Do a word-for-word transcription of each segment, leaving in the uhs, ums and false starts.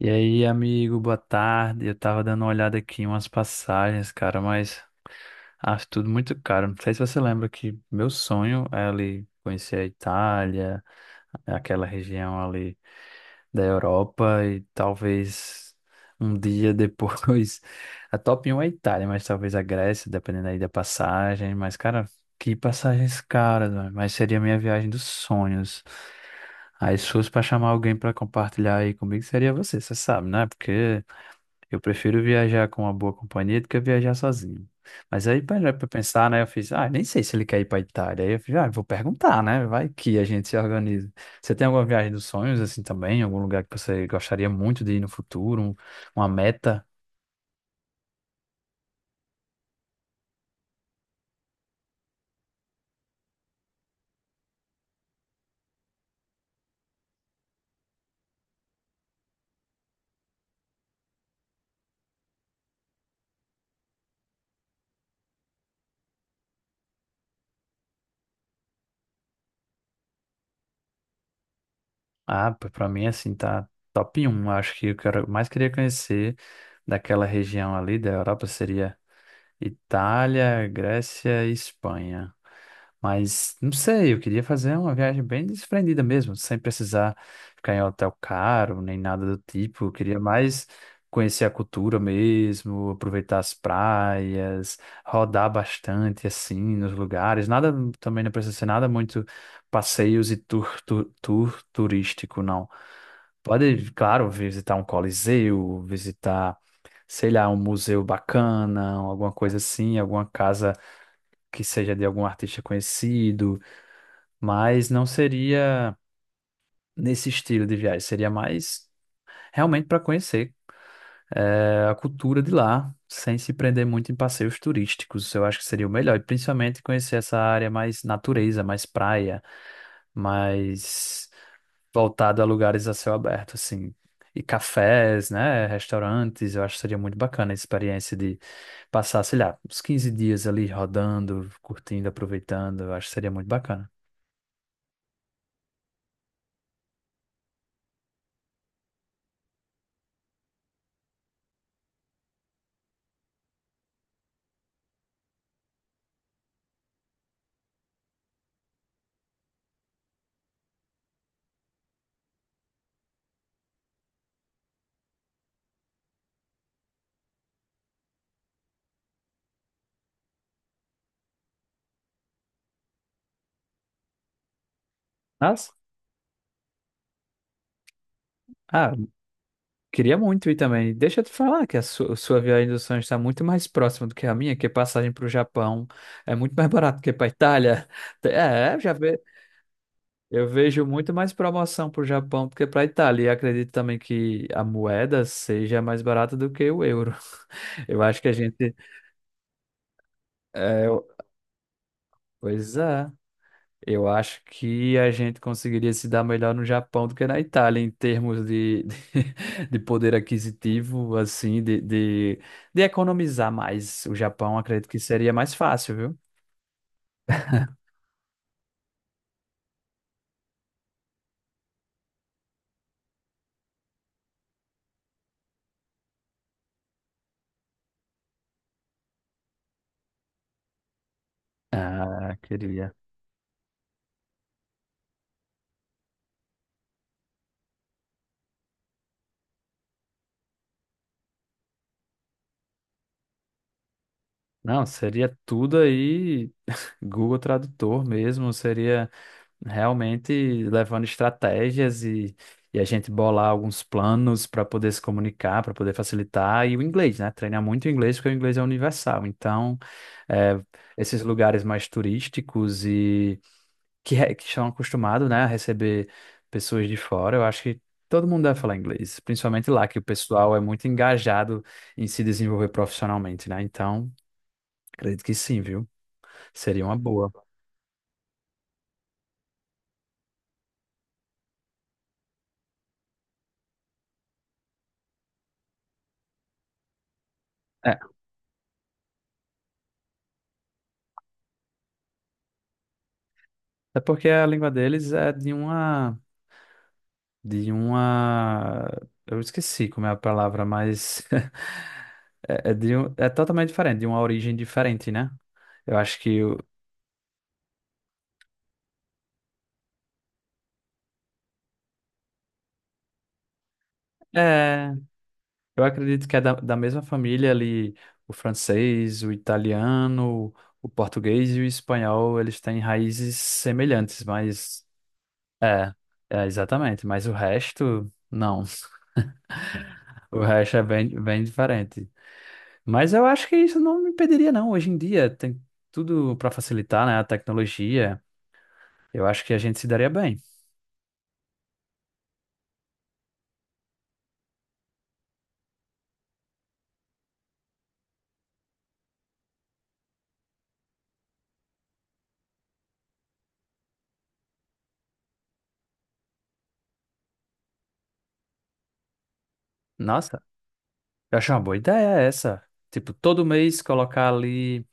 E aí, amigo, boa tarde. Eu tava dando uma olhada aqui em umas passagens, cara, mas acho tudo muito caro. Não sei se você lembra que meu sonho é ali conhecer a Itália, aquela região ali da Europa e talvez um dia depois. A top um é a Itália, mas talvez a Grécia, dependendo aí da passagem. Mas, cara, que passagens caras, mano. Mas seria a minha viagem dos sonhos. Aí, se fosse pra chamar alguém pra compartilhar aí comigo, seria você, você sabe, né? Porque eu prefiro viajar com uma boa companhia do que viajar sozinho. Mas aí para pensar, né? Eu fiz: ah, nem sei se ele quer ir para Itália. Aí eu fiz: ah, vou perguntar, né? Vai que a gente se organiza. Você tem alguma viagem dos sonhos assim também? Algum lugar que você gostaria muito de ir no futuro? Um- uma meta? Ah, para mim assim tá top um. Acho que o que eu mais queria conhecer daquela região ali da Europa seria Itália, Grécia e Espanha. Mas não sei, eu queria fazer uma viagem bem desprendida mesmo, sem precisar ficar em hotel caro, nem nada do tipo. Eu queria mais conhecer a cultura mesmo, aproveitar as praias, rodar bastante assim nos lugares. Nada, também não precisa ser nada muito passeios e tour, tour, tour turístico, não. Pode, claro, visitar um coliseu, visitar sei lá, um museu bacana, alguma coisa assim, alguma casa que seja de algum artista conhecido, mas não seria nesse estilo de viagem, seria mais realmente para conhecer eh, a cultura de lá, sem se prender muito em passeios turísticos, eu acho que seria o melhor, e principalmente conhecer essa área mais natureza, mais praia, mais voltada a lugares a céu aberto, assim. E cafés, né? Restaurantes, eu acho que seria muito bacana a experiência. Passar, sei lá, uns quinze dias ali rodando, curtindo, aproveitando, eu acho que seria muito bacana. Mas, ah, queria muito ir também. Deixa eu te falar que a su- sua viagem dos sonhos está muito mais próxima do que a minha, que passagem para o Japão é muito mais barato que para a Itália. É, eu já ve... eu vejo muito mais promoção para o Japão do que para a Itália. E acredito também que a moeda seja mais barata do que o euro. Eu acho que a gente... É, eu- pois é. Eu acho que a gente conseguiria se dar melhor no Japão do que na Itália, em termos de, de, poder aquisitivo, assim, de, de, de economizar mais. O Japão, acredito que seria mais fácil, viu? Ah, queria. Não, seria tudo aí, Google Tradutor mesmo, seria realmente levando estratégias e, e a gente bolar alguns planos para poder se comunicar, para poder facilitar, e o inglês, né? Treinar muito o inglês, porque o inglês é universal. Então, é, esses lugares mais turísticos e que, re- que estão acostumados, né, a receber pessoas de fora, eu acho que todo mundo deve falar inglês, principalmente lá, que o pessoal é muito engajado em se desenvolver profissionalmente, né? Então, acredito que sim, viu? Seria uma boa. É, até porque a língua deles é de uma de uma... Eu esqueci como é a palavra, mas é, é de um- é totalmente diferente, de uma origem diferente, né? Eu acho que o- É, eu acredito que é da, da mesma família ali, o francês, o italiano, o português e o espanhol, eles têm raízes semelhantes, mas é, é exatamente, mas o resto não. O resto é bem, bem diferente. Mas eu acho que isso não me impediria, não. Hoje em dia tem tudo para facilitar, né? A tecnologia. Eu acho que a gente se daria bem. Nossa, eu acho uma boa ideia essa. Tipo, todo mês colocar ali,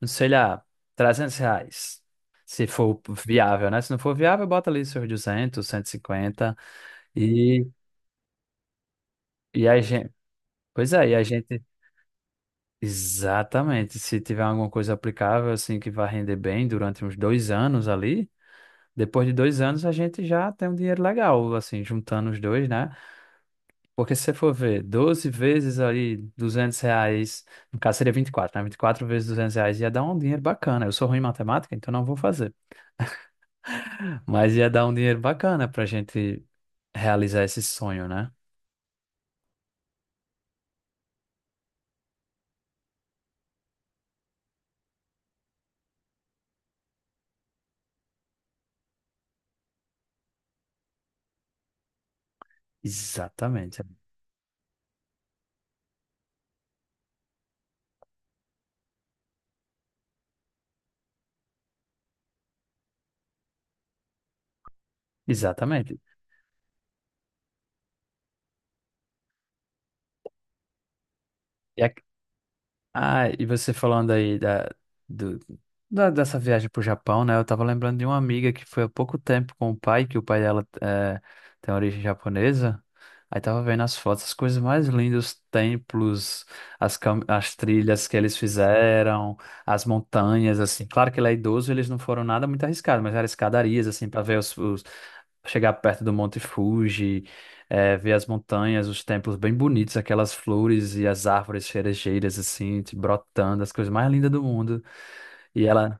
não sei lá, trezentos reais. Se for viável, né? Se não for viável, bota ali seus duzentos, cento e cinquenta. E, cinquenta. e e a gente... Pois é, e a gente... Exatamente. Se tiver alguma coisa aplicável, assim, que vai render bem durante uns dois anos ali, depois de dois anos a gente já tem um dinheiro legal, assim, juntando os dois, né? Porque se você for ver doze vezes ali duzentos reais, no caso seria vinte e quatro, né? Vinte e quatro vezes duzentos reais ia dar um dinheiro bacana. Eu sou ruim em matemática, então não vou fazer. Mas ia dar um dinheiro bacana pra gente realizar esse sonho, né? Exatamente. Exatamente. Ah, e você falando aí da, do, da- dessa viagem pro Japão, né? Eu tava lembrando de uma amiga que foi há pouco tempo com o pai, que o pai dela eh, tem origem japonesa. Aí tava vendo as fotos, as coisas mais lindas, os templos, as, cam- as trilhas que eles fizeram, as montanhas, assim. Claro que ele é idoso, eles não foram nada muito arriscado, mas eram escadarias, assim, para ver os, os- chegar perto do Monte Fuji. É, ver as montanhas, os templos bem bonitos, aquelas flores e as árvores cerejeiras, assim, te brotando, as coisas mais lindas do mundo. E ela...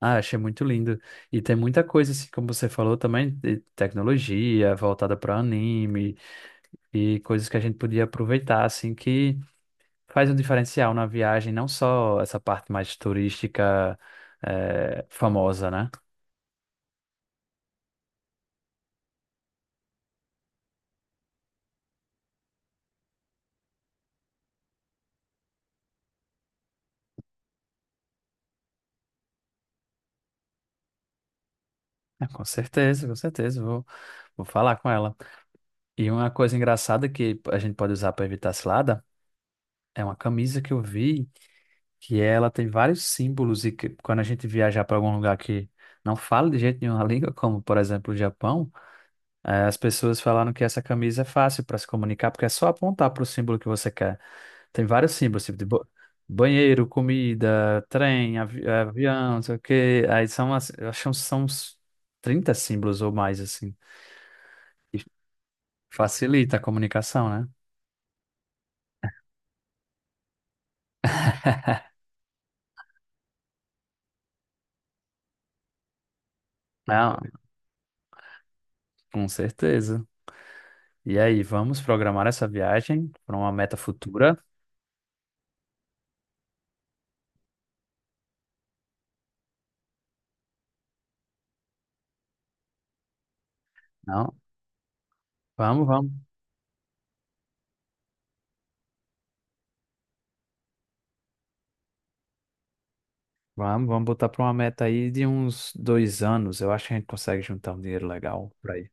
ah, achei muito lindo. E tem muita coisa, assim, como você falou também, de tecnologia voltada para anime e coisas que a gente podia aproveitar, assim, que faz um diferencial na viagem, não só essa parte mais turística, é, famosa, né? É, com certeza, com certeza, vou, vou falar com ela. E uma coisa engraçada que a gente pode usar para evitar cilada é uma camisa que eu vi, que ela tem vários símbolos e que, quando a gente viajar para algum lugar que não fala de jeito nenhum a língua, como por exemplo o Japão, eh, as pessoas falaram que essa camisa é fácil para se comunicar porque é só apontar para o símbolo que você quer. Tem vários símbolos, tipo de ba- banheiro, comida, trem, avi- eh, avião, não sei o quê. Aí são, as- eu acho que são uns trinta símbolos ou mais, assim. Facilita a comunicação, né? Ah, com certeza. E aí, vamos programar essa viagem para uma meta futura? Não, vamos, vamos, vamos, vamos botar para uma meta aí de uns dois anos. Eu acho que a gente consegue juntar um dinheiro legal para ir.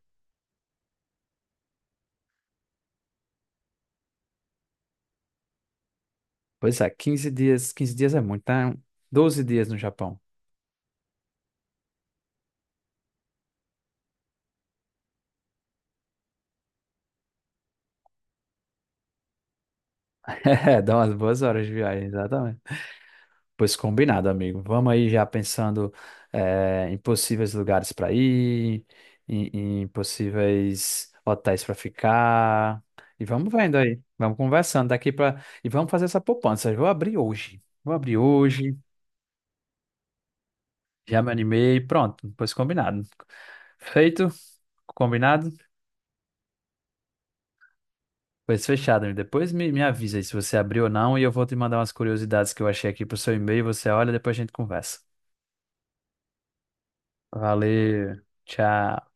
Pois é. Quinze dias, quinze dias é muito, né? Doze dias no Japão. É, dá umas boas horas de viagem, exatamente. Pois combinado, amigo. Vamos aí já pensando eh, em possíveis lugares para ir, em, em possíveis hotéis para ficar. E vamos vendo aí. Vamos conversando daqui para... E vamos fazer essa poupança. Eu vou abrir hoje. Vou abrir hoje. Já me animei. Pronto. Pois combinado. Feito? Combinado? Pois fechado, amigo. Depois me, me avisa aí se você abriu ou não. E eu vou te mandar umas curiosidades que eu achei aqui pro seu e-mail. Você olha, depois a gente conversa. Valeu. Tchau.